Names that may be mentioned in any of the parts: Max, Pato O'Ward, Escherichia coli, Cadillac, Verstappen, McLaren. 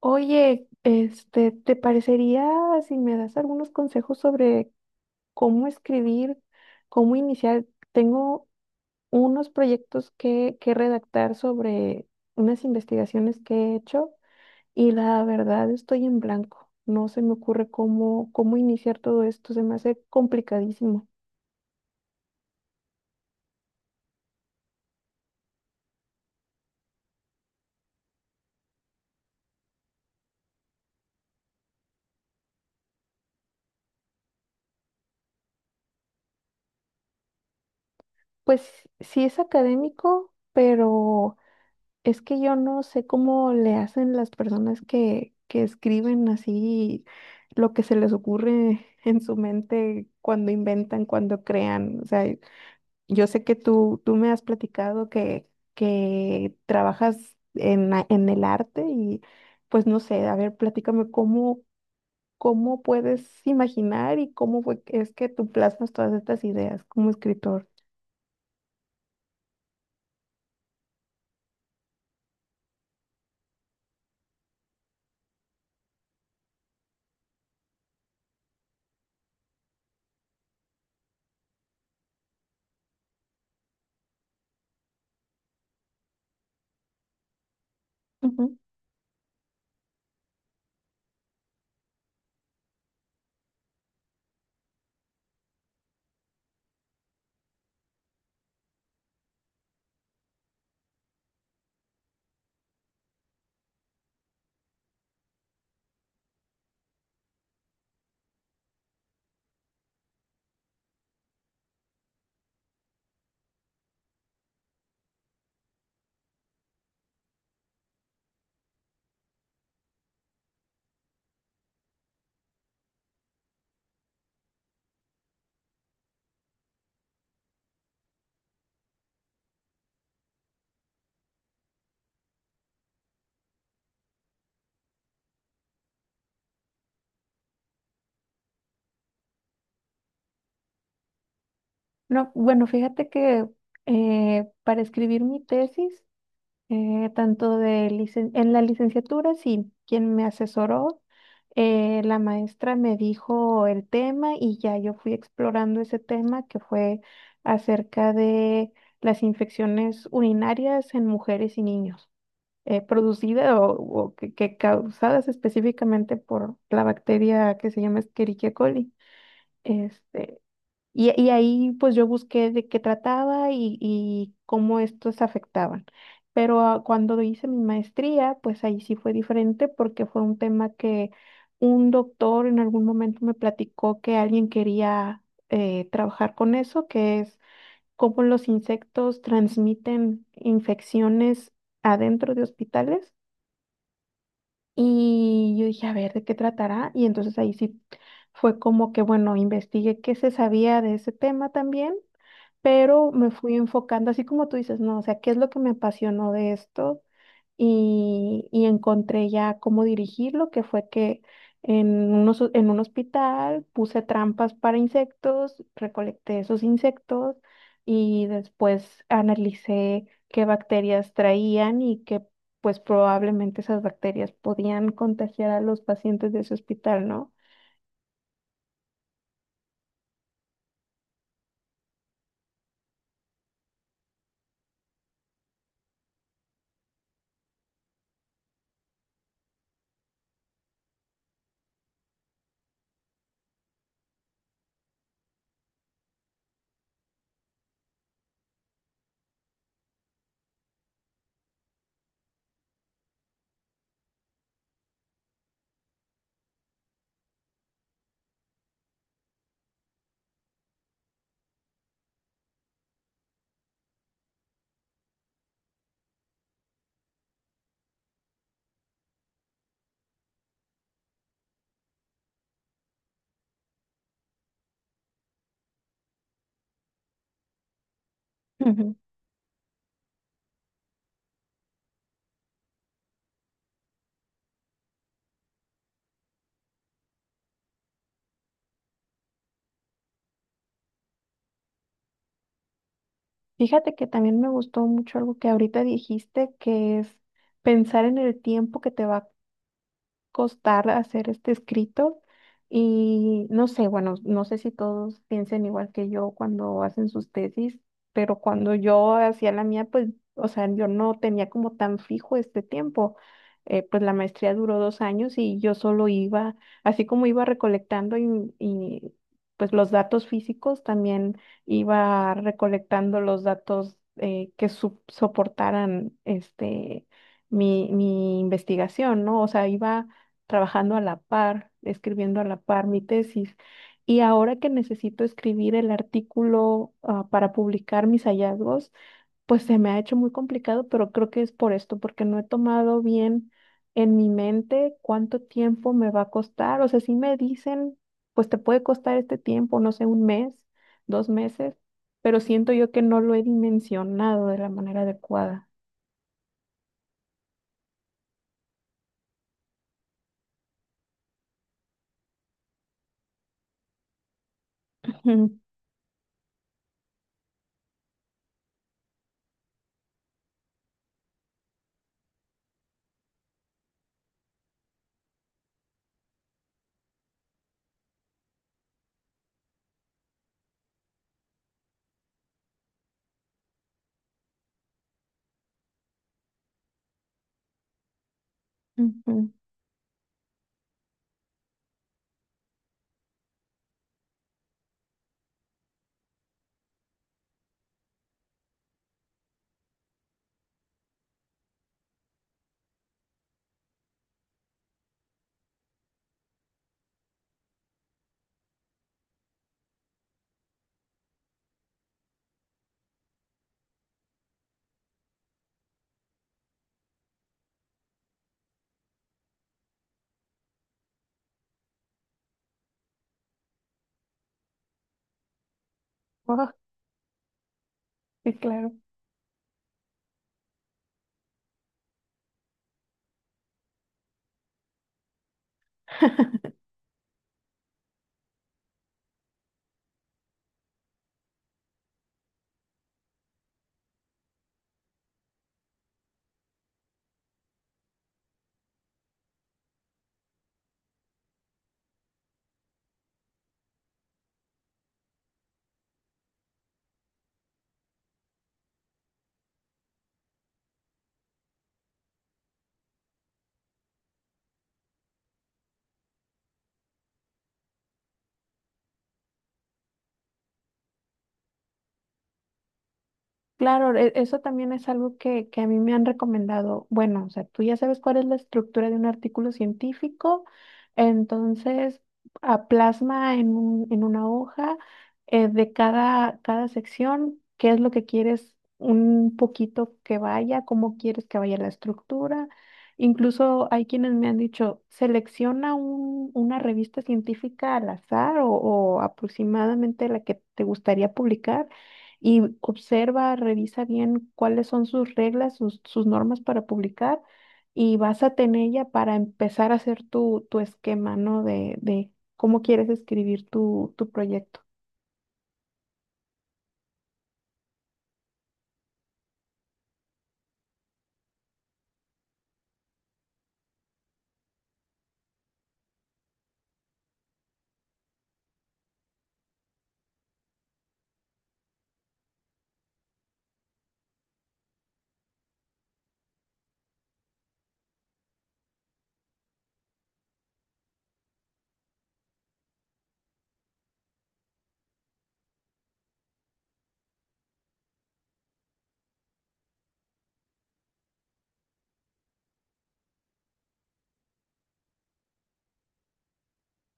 Oye, ¿te parecería si me das algunos consejos sobre cómo escribir, cómo iniciar? Tengo unos proyectos que redactar sobre unas investigaciones que he hecho y la verdad estoy en blanco. No se me ocurre cómo iniciar todo esto, se me hace complicadísimo. Pues sí es académico, pero es que yo no sé cómo le hacen las personas que escriben así lo que se les ocurre en su mente cuando inventan, cuando crean. O sea, yo sé que tú me has platicado que trabajas en, en el arte y pues no sé, a ver, platícame cómo puedes imaginar y cómo es que tú plasmas todas estas ideas como escritor. Ujú. No, bueno, fíjate que para escribir mi tesis, tanto en la licenciatura, sí, quien me asesoró, la maestra me dijo el tema y ya yo fui explorando ese tema que fue acerca de las infecciones urinarias en mujeres y niños, producidas o que causadas específicamente por la bacteria que se llama Escherichia coli. Este, y ahí pues yo busqué de qué trataba y cómo estos afectaban. Pero cuando hice mi maestría, pues ahí sí fue diferente porque fue un tema que un doctor en algún momento me platicó que alguien quería trabajar con eso, que es cómo los insectos transmiten infecciones adentro de hospitales. Y yo dije, a ver, ¿de qué tratará? Y entonces ahí sí fue como que, bueno, investigué qué se sabía de ese tema también, pero me fui enfocando, así como tú dices, no, o sea, ¿qué es lo que me apasionó de esto? Y encontré ya cómo dirigirlo, que fue que en en un hospital puse trampas para insectos, recolecté esos insectos y después analicé qué bacterias traían y que pues probablemente esas bacterias podían contagiar a los pacientes de ese hospital, ¿no? Fíjate que también me gustó mucho algo que ahorita dijiste, que es pensar en el tiempo que te va costar hacer este escrito y no sé, bueno, no sé si todos piensen igual que yo cuando hacen sus tesis, pero cuando yo hacía la mía, pues, o sea, yo no tenía como tan fijo este tiempo. Pues la maestría duró 2 años y yo solo iba, así como iba recolectando pues los datos físicos, también iba recolectando los datos que soportaran este mi, mi investigación, ¿no? O sea, iba trabajando a la par, escribiendo a la par mi tesis. Y ahora que necesito escribir el artículo, para publicar mis hallazgos, pues se me ha hecho muy complicado, pero creo que es por esto, porque no he tomado bien en mi mente cuánto tiempo me va a costar. O sea, si me dicen, pues te puede costar este tiempo, no sé, 1 mes, 2 meses, pero siento yo que no lo he dimensionado de la manera adecuada. Ujú. Ujú. Ah, sí, claro. Claro, eso también es algo que a mí me han recomendado. Bueno, o sea, tú ya sabes cuál es la estructura de un artículo científico, entonces a plasma en en una hoja de cada, cada sección qué es lo que quieres un poquito que vaya, cómo quieres que vaya la estructura. Incluso hay quienes me han dicho, selecciona una revista científica al azar o aproximadamente la que te gustaría publicar y observa, revisa bien cuáles son sus reglas, sus, sus normas para publicar y básate en ella para empezar a hacer tu, tu esquema, ¿no? De cómo quieres escribir tu, tu proyecto.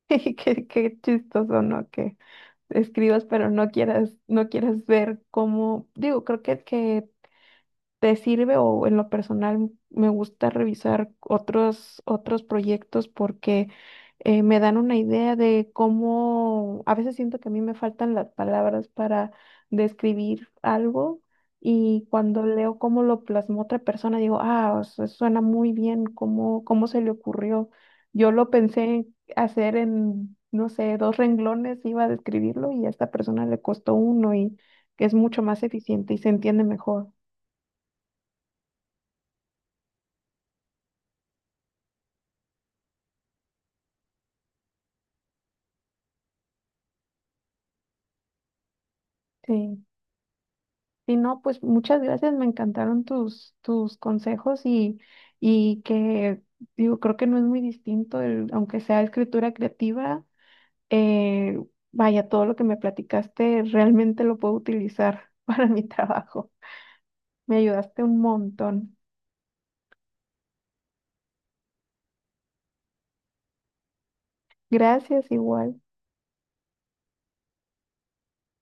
Qué, qué chistoso, ¿no? Que escribas, pero no quieras, no quieras ver cómo, digo, creo que te sirve. O en lo personal me gusta revisar otros, otros proyectos porque me dan una idea de cómo, a veces siento que a mí me faltan las palabras para describir algo y cuando leo cómo lo plasmó otra persona digo, ah, o sea, suena muy bien, cómo se le ocurrió. Yo lo pensé hacer en, no sé, 2 renglones, iba a describirlo y a esta persona le costó uno y es mucho más eficiente y se entiende mejor. Sí. Sí, no, pues muchas gracias, me encantaron tus, tus consejos y que, digo, creo que no es muy distinto, aunque sea escritura creativa, eh, vaya, todo lo que me platicaste realmente lo puedo utilizar para mi trabajo. Me ayudaste un montón. Gracias, igual.